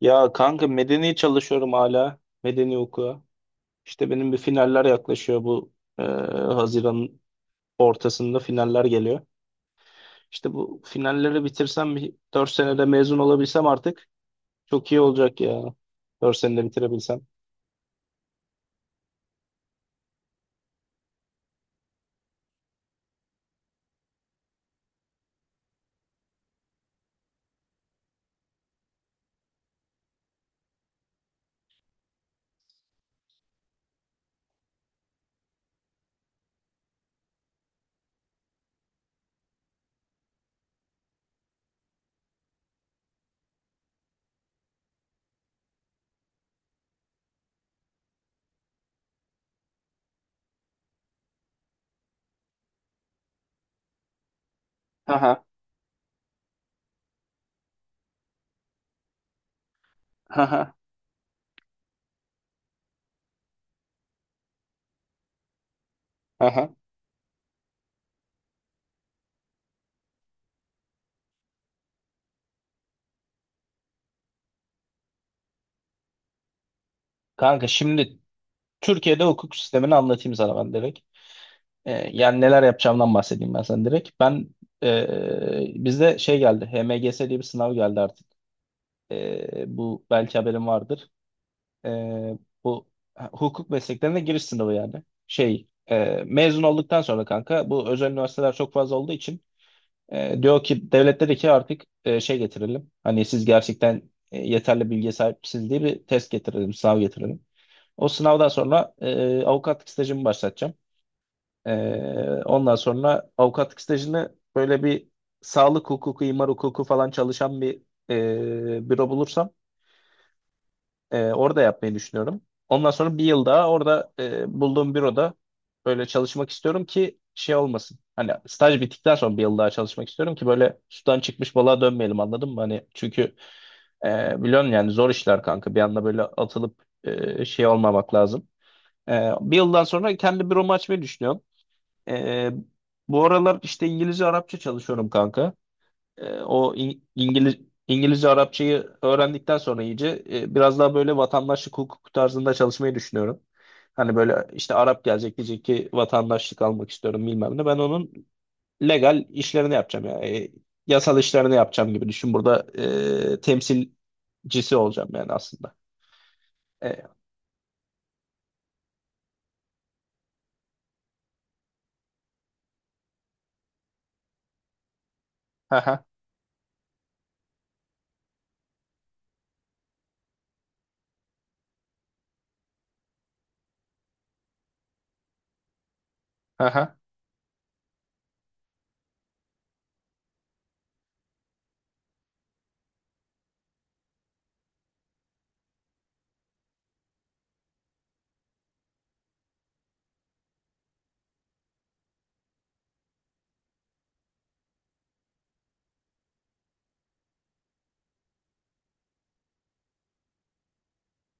Ya kanka medeni çalışıyorum hala. Medeni hukuka. İşte benim bir finaller yaklaşıyor bu e, Haziran'ın ortasında finaller geliyor. İşte bu finalleri bitirsem bir 4 senede mezun olabilsem artık çok iyi olacak ya. Dört senede bitirebilsem. Aha, aha, aha. Kanka şimdi Türkiye'de hukuk sistemini anlatayım sana ben direkt. Yani neler yapacağımdan bahsedeyim ben sana direkt. Ben bizde şey geldi. HMGS diye bir sınav geldi artık. Bu belki haberin vardır. E, bu ha, hukuk mesleklerine giriş sınavı yani. Şey, mezun olduktan sonra kanka bu özel üniversiteler çok fazla olduğu için diyor ki devlet dedi ki artık şey getirelim. Hani siz gerçekten yeterli bilgiye sahipsiniz diye bir test getirelim, sınav getirelim. O sınavdan sonra avukatlık stajımı başlatacağım. Ondan sonra avukatlık stajını böyle bir sağlık hukuku, imar hukuku falan çalışan bir büro bulursam orada yapmayı düşünüyorum. Ondan sonra bir yıl daha orada bulduğum büroda böyle çalışmak istiyorum ki şey olmasın. Hani staj bittikten sonra bir yıl daha çalışmak istiyorum ki böyle sudan çıkmış balığa dönmeyelim anladın mı? Hani çünkü biliyorsun yani zor işler kanka. Bir anda böyle atılıp şey olmamak lazım. Bir yıldan sonra kendi büromu açmayı düşünüyorum. Ee, Bu aralar işte İngilizce Arapça çalışıyorum kanka. O İngiliz İngilizce Arapçayı öğrendikten sonra iyice biraz daha böyle vatandaşlık hukuku tarzında çalışmayı düşünüyorum. Hani böyle işte Arap gelecek diyecek ki vatandaşlık almak istiyorum bilmem ne. Ben onun legal işlerini yapacağım ya. Yasal işlerini yapacağım gibi düşün. Burada temsilcisi olacağım yani aslında. E, ha ha ha ha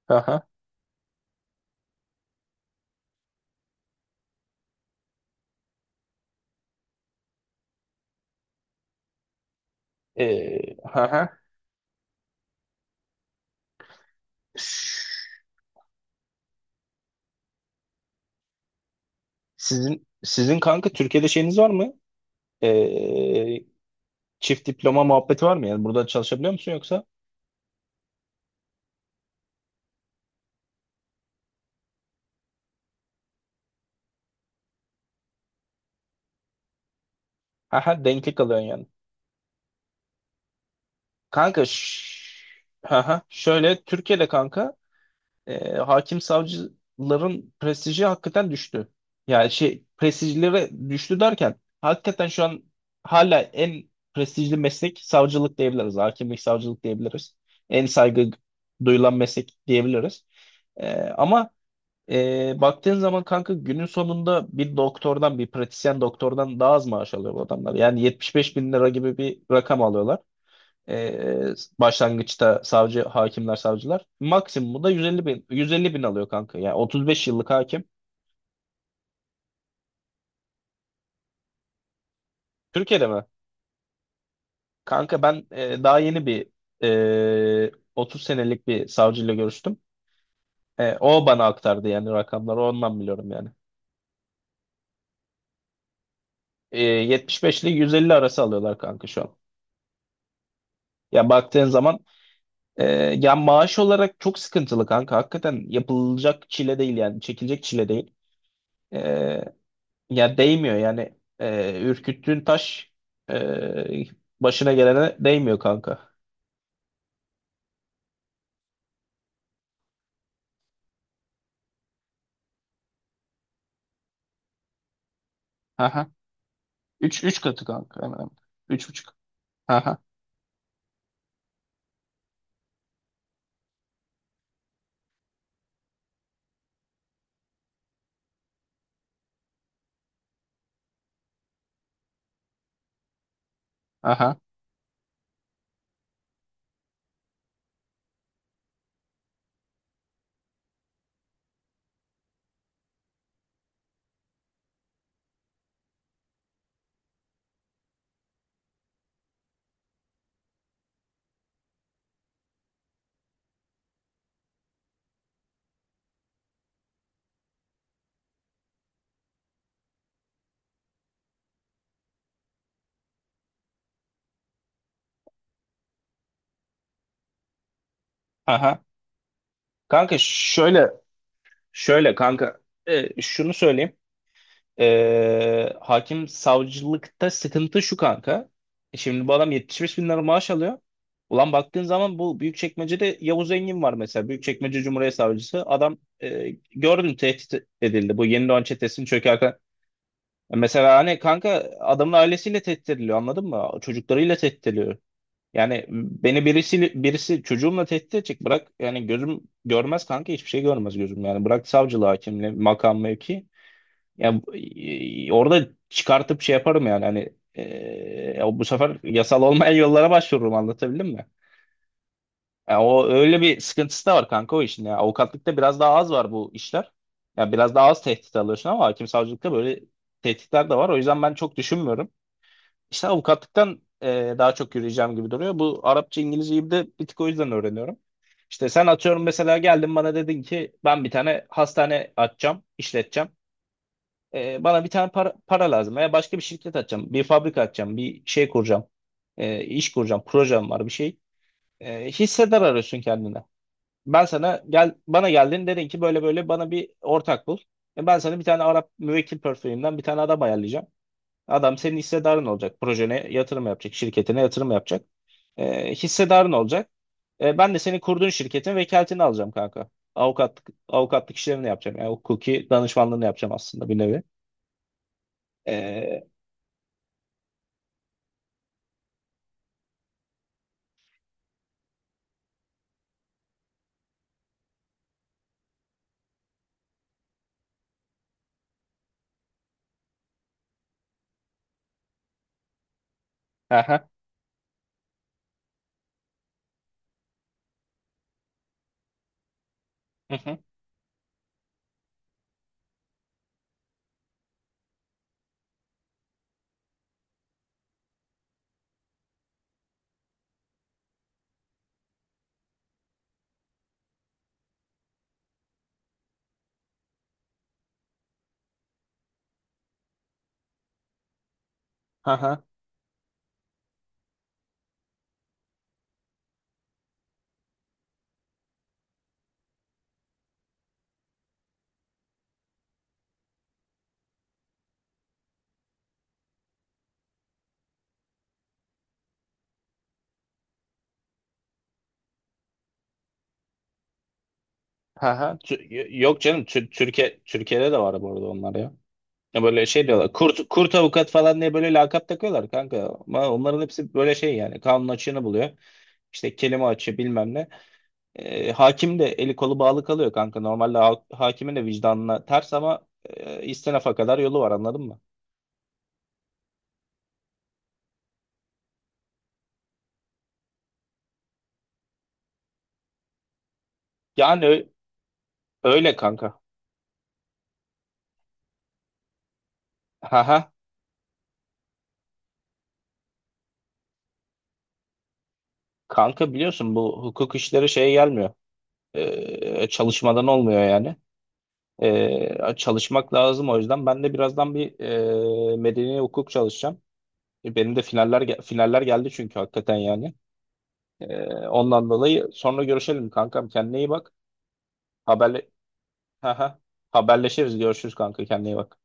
ha. E, ha ha. Sizin kanka Türkiye'de şeyiniz var mı? Ee, Çift diploma muhabbeti var mı? Yani burada çalışabiliyor musun yoksa? Haha, denklik alıyorsun yani. Kanka şş- Şöyle Türkiye'de kanka hakim savcıların prestiji hakikaten düştü. Yani şey prestijlere düştü derken hakikaten şu an hala en prestijli meslek savcılık diyebiliriz. Hakimlik savcılık diyebiliriz. En saygı duyulan meslek diyebiliriz. Ee, ama Baktığın zaman kanka günün sonunda bir doktordan bir pratisyen doktordan daha az maaş alıyor bu adamlar. Yani 75 bin lira gibi bir rakam alıyorlar. E, Başlangıçta savcı, hakimler, savcılar. Maksimumu da 150 bin, 150 bin alıyor kanka. Yani 35 yıllık hakim. Türkiye'de mi? Kanka ben daha yeni bir 30 senelik bir savcıyla görüştüm. O bana aktardı yani rakamları ondan biliyorum yani. 75 ile 150 arası alıyorlar kanka şu an. Ya baktığın zaman Ee, ya maaş olarak çok sıkıntılı kanka. Hakikaten yapılacak çile değil yani. Çekilecek çile değil. Ee, Ya değmiyor yani. Ürküttüğün taş ee, başına gelene değmiyor kanka. Aha. Üç, üç katı kanka. Hemen hemen. Üç buçuk. Aha. Aha. Aha. Kanka şöyle kanka. Şunu söyleyeyim. Hakim savcılıkta sıkıntı şu kanka. Şimdi bu adam 75 bin lira maaş alıyor. Ulan baktığın zaman bu Büyükçekmece'de Yavuz Engin var mesela. Büyükçekmece Cumhuriyet Savcısı. Adam e, gördün tehdit edildi. Bu Yeni Doğan Çetesi'nin çökerken. Mesela hani kanka adamın ailesiyle tehdit ediliyor anladın mı? Çocuklarıyla tehdit ediliyor. Yani beni birisi çocuğumla tehdit edecek bırak yani gözüm görmez kanka hiçbir şey görmez gözüm yani bırak savcılığı hakimliği makam mevki ya orada çıkartıp şey yaparım yani hani ya bu sefer yasal olmayan yollara başvururum anlatabildim mi? Ya o öyle bir sıkıntısı da var kanka o işin ya. Avukatlıkta biraz daha az var bu işler. Ya biraz daha az tehdit alıyorsun ama hakim savcılıkta böyle tehditler de var. O yüzden ben çok düşünmüyorum. İşte avukatlıktan daha çok yürüyeceğim gibi duruyor. Bu Arapça İngilizceyi de bir tık o yüzden öğreniyorum. İşte sen atıyorum mesela geldin bana dedin ki ben bir tane hastane açacağım, işleteceğim. Bana bir tane para lazım veya başka bir şirket açacağım, bir fabrika açacağım, bir şey kuracağım, iş kuracağım, projem var bir şey. Hissedar arıyorsun kendine. Ben sana gel bana geldin dedin ki böyle böyle bana bir ortak bul. Ben sana bir tane Arap müvekkil portföyümden bir tane adam ayarlayacağım. Adam senin hissedarın olacak. Projene yatırım yapacak, şirketine yatırım yapacak. Hissedarın olacak. Ben de senin kurduğun şirketin vekaletini alacağım kanka. Avukatlık işlerini yapacağım. Yani hukuki danışmanlığını yapacağım aslında bir nevi. E, aha. Hı hı. Hı hı. Hı hı. Yok canım Türkiye'de de var bu arada onlar ya. Ya böyle şey diyorlar. Kurt avukat falan diye böyle lakap takıyorlar kanka. Ama onların hepsi böyle şey yani. Kanun açığını buluyor. İşte kelime açığı bilmem ne. Hakim de eli kolu bağlı kalıyor kanka. Normalde hakimin de vicdanına ters ama istinafa kadar yolu var anladın mı? Yani öyle kanka. Haha. Kanka biliyorsun bu hukuk işleri şeye gelmiyor. Çalışmadan olmuyor yani. Çalışmak lazım o yüzden. Ben de birazdan bir medeni hukuk çalışacağım. Benim de finaller geldi çünkü hakikaten yani. Ondan dolayı sonra görüşelim kankam. Kendine iyi bak. Haberle Haha. Haberleşiriz. Görüşürüz kanka. Kendine iyi bak.